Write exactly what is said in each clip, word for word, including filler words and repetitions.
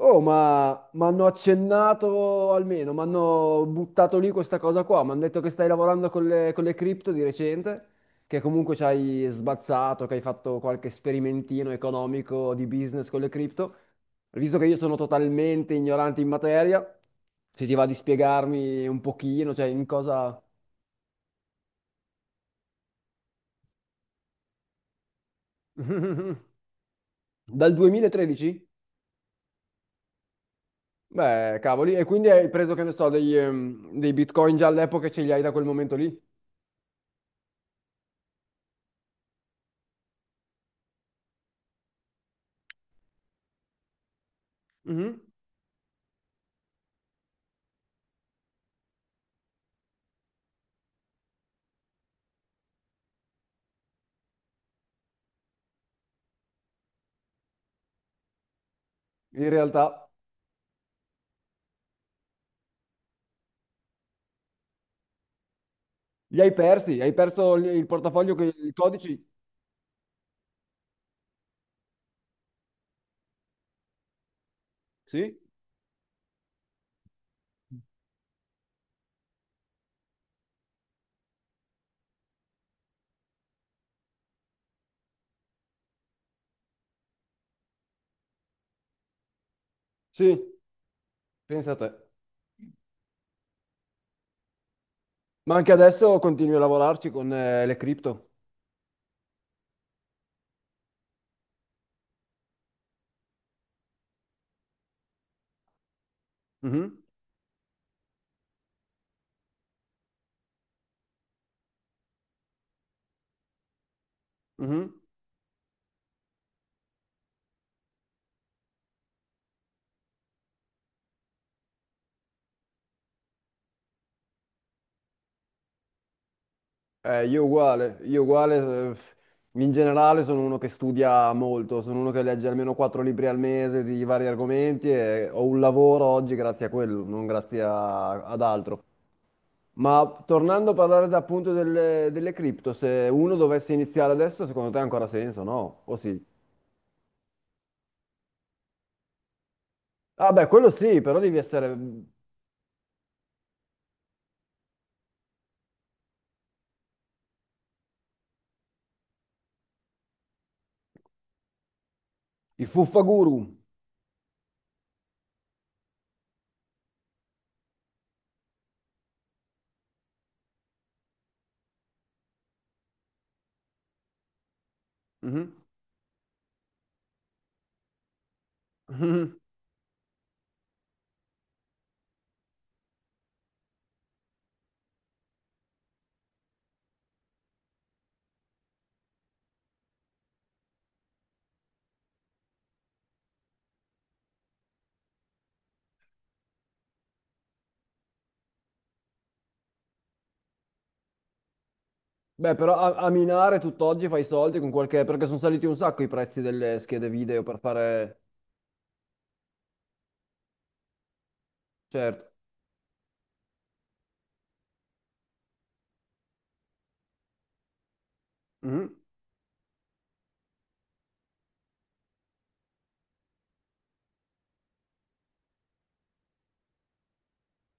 Oh, ma mi hanno accennato almeno, mi hanno buttato lì questa cosa qua, mi hanno detto che stai lavorando con le, con le cripto di recente, che comunque ci hai sbazzato, che hai fatto qualche sperimentino economico di business con le cripto. Visto che io sono totalmente ignorante in materia, se ti va di spiegarmi un pochino, cioè in cosa... Dal duemilatredici? Beh, cavoli, e quindi hai preso, che ne so, dei, ehm, dei bitcoin già all'epoca e ce li hai da quel momento lì? Mhm. In realtà. Li hai persi? Hai perso il il portafoglio, che- i codici? Sì? Sì, pensa a te. Ma anche adesso continui a lavorarci con eh, le cripto. Mhm, mhm. Eh, io uguale, io uguale, eh, in generale sono uno che studia molto, sono uno che legge almeno quattro libri al mese di vari argomenti e ho un lavoro oggi grazie a quello, non grazie a- ad altro. Ma tornando a parlare da- appunto delle, delle cripto, se uno dovesse iniziare adesso, secondo te ha ancora senso, no? O sì? Vabbè, quello sì, però devi essere i fuffaguru. Mhm. Mhm. Beh, però a, a minare tutt'oggi fai soldi con qualche... perché sono saliti un sacco i prezzi delle schede video per fare... Certo. Mhm.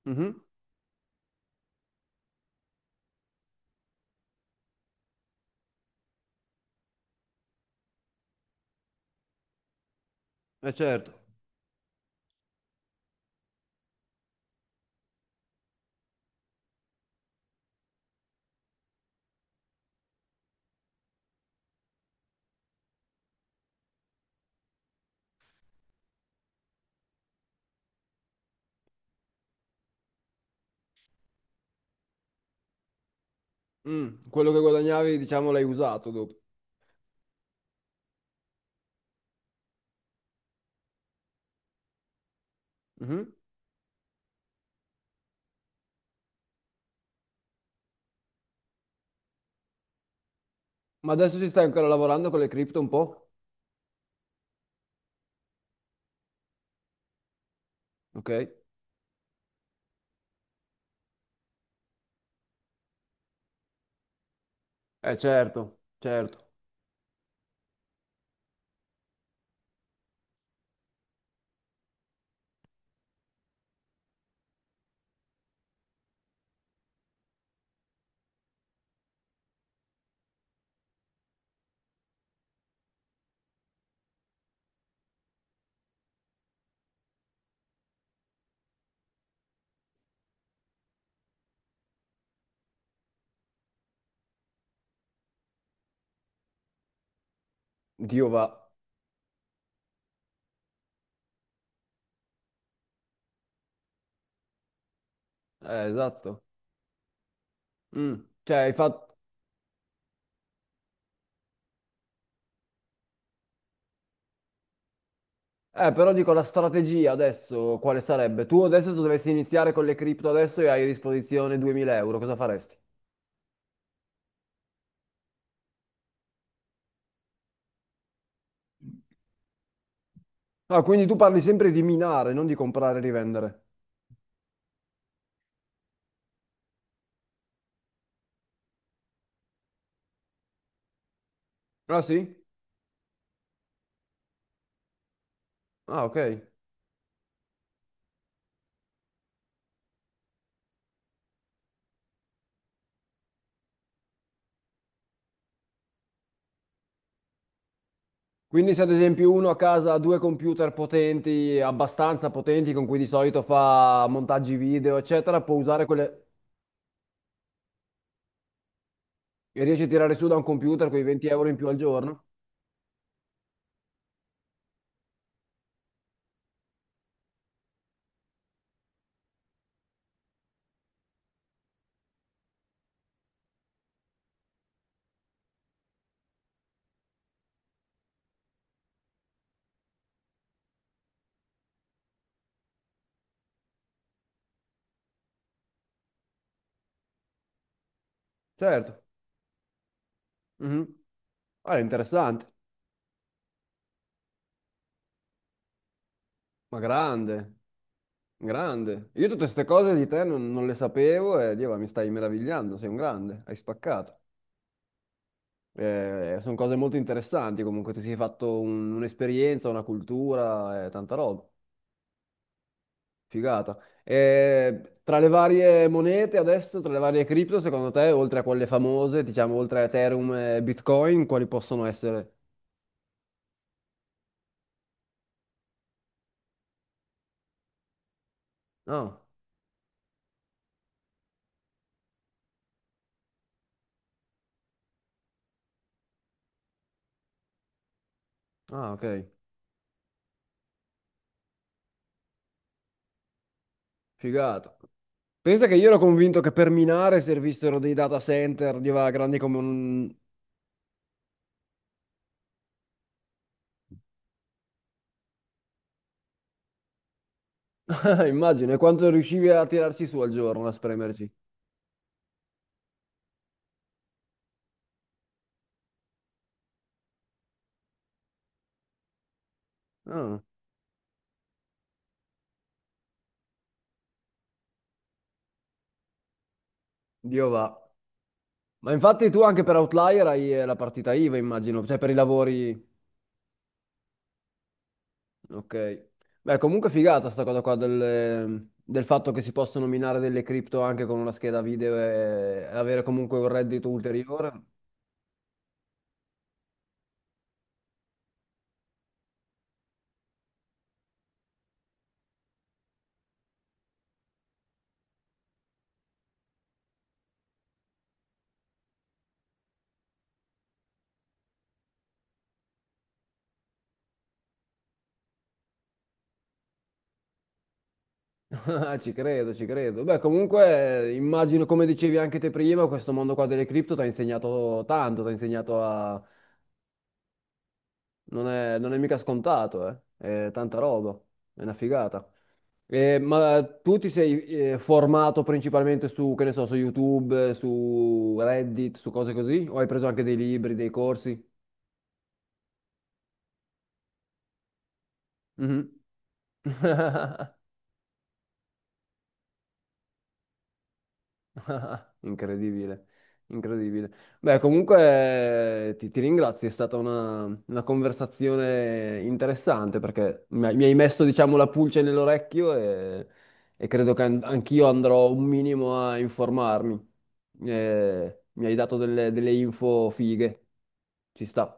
Mhm. Eh, certo. Mm. Quello che guadagnavi, diciamo, l'hai usato dopo. Mhm. Ma adesso ci stai ancora lavorando con le cripto un po'? Ok. Eh, certo, certo. Dio va. Eh, esatto. Mm. Cioè, hai fatto... Eh, però dico la strategia adesso, quale sarebbe? Tu adesso se dovessi iniziare con le cripto adesso e hai a disposizione duemila euro, cosa faresti? Ah, quindi tu parli sempre di minare, non di comprare e rivendere. Ah sì? Ah, ok. Quindi se ad esempio uno a casa ha due computer potenti, abbastanza potenti, con cui di solito fa montaggi video, eccetera, può usare quelle... E riesce a tirare su da un computer quei venti euro in più al giorno? Certo. Mhm. Ah, è interessante. Ma grande. Grande. Io tutte queste cose di te non, non le sapevo e Dio, mi stai meravigliando, sei un grande, hai spaccato. Eh, sono cose molto interessanti, comunque ti sei fatto un- un'esperienza, una cultura, eh, tanta roba. Figata. Eh, tra le varie monete adesso, tra le varie cripto, secondo te, oltre a quelle famose, diciamo oltre a Ethereum e Bitcoin, quali possono essere? No. Ah, ok. Figata. Pensa che io ero convinto che per minare servissero dei data center, Dio, grandi come un Eh, Immagino, e quanto riuscivi a tirarci su al giorno, a spremerci? Ah, Dio va. Ma infatti tu anche per Outlier hai eh, la partita IVA, immagino, cioè per i lavori... Ok. Beh, comunque figata sta cosa qua del, del fatto che si possono minare delle cripto anche con una scheda video e avere comunque un reddito ulteriore. Ah, Ci credo, ci credo. Beh, comunque eh, immagino, come dicevi anche te prima, questo mondo qua delle cripto ti ha insegnato tanto, ti ha insegnato a. Non è, non è mica scontato, eh. È tanta roba, è una figata. Eh, ma tu ti sei eh, formato principalmente su, che ne so, su YouTube, eh, su Reddit, su cose così? O hai preso anche dei libri, dei corsi? Mhm. Incredibile, incredibile. Beh, comunque eh, ti, ti, ringrazio, è stata una, una conversazione interessante perché mi, hai mi hai messo, diciamo, la pulce nell'orecchio e, e credo che an- anch'io andrò un minimo a informarmi. Eh, mi hai dato delle delle info fighe, ci sta.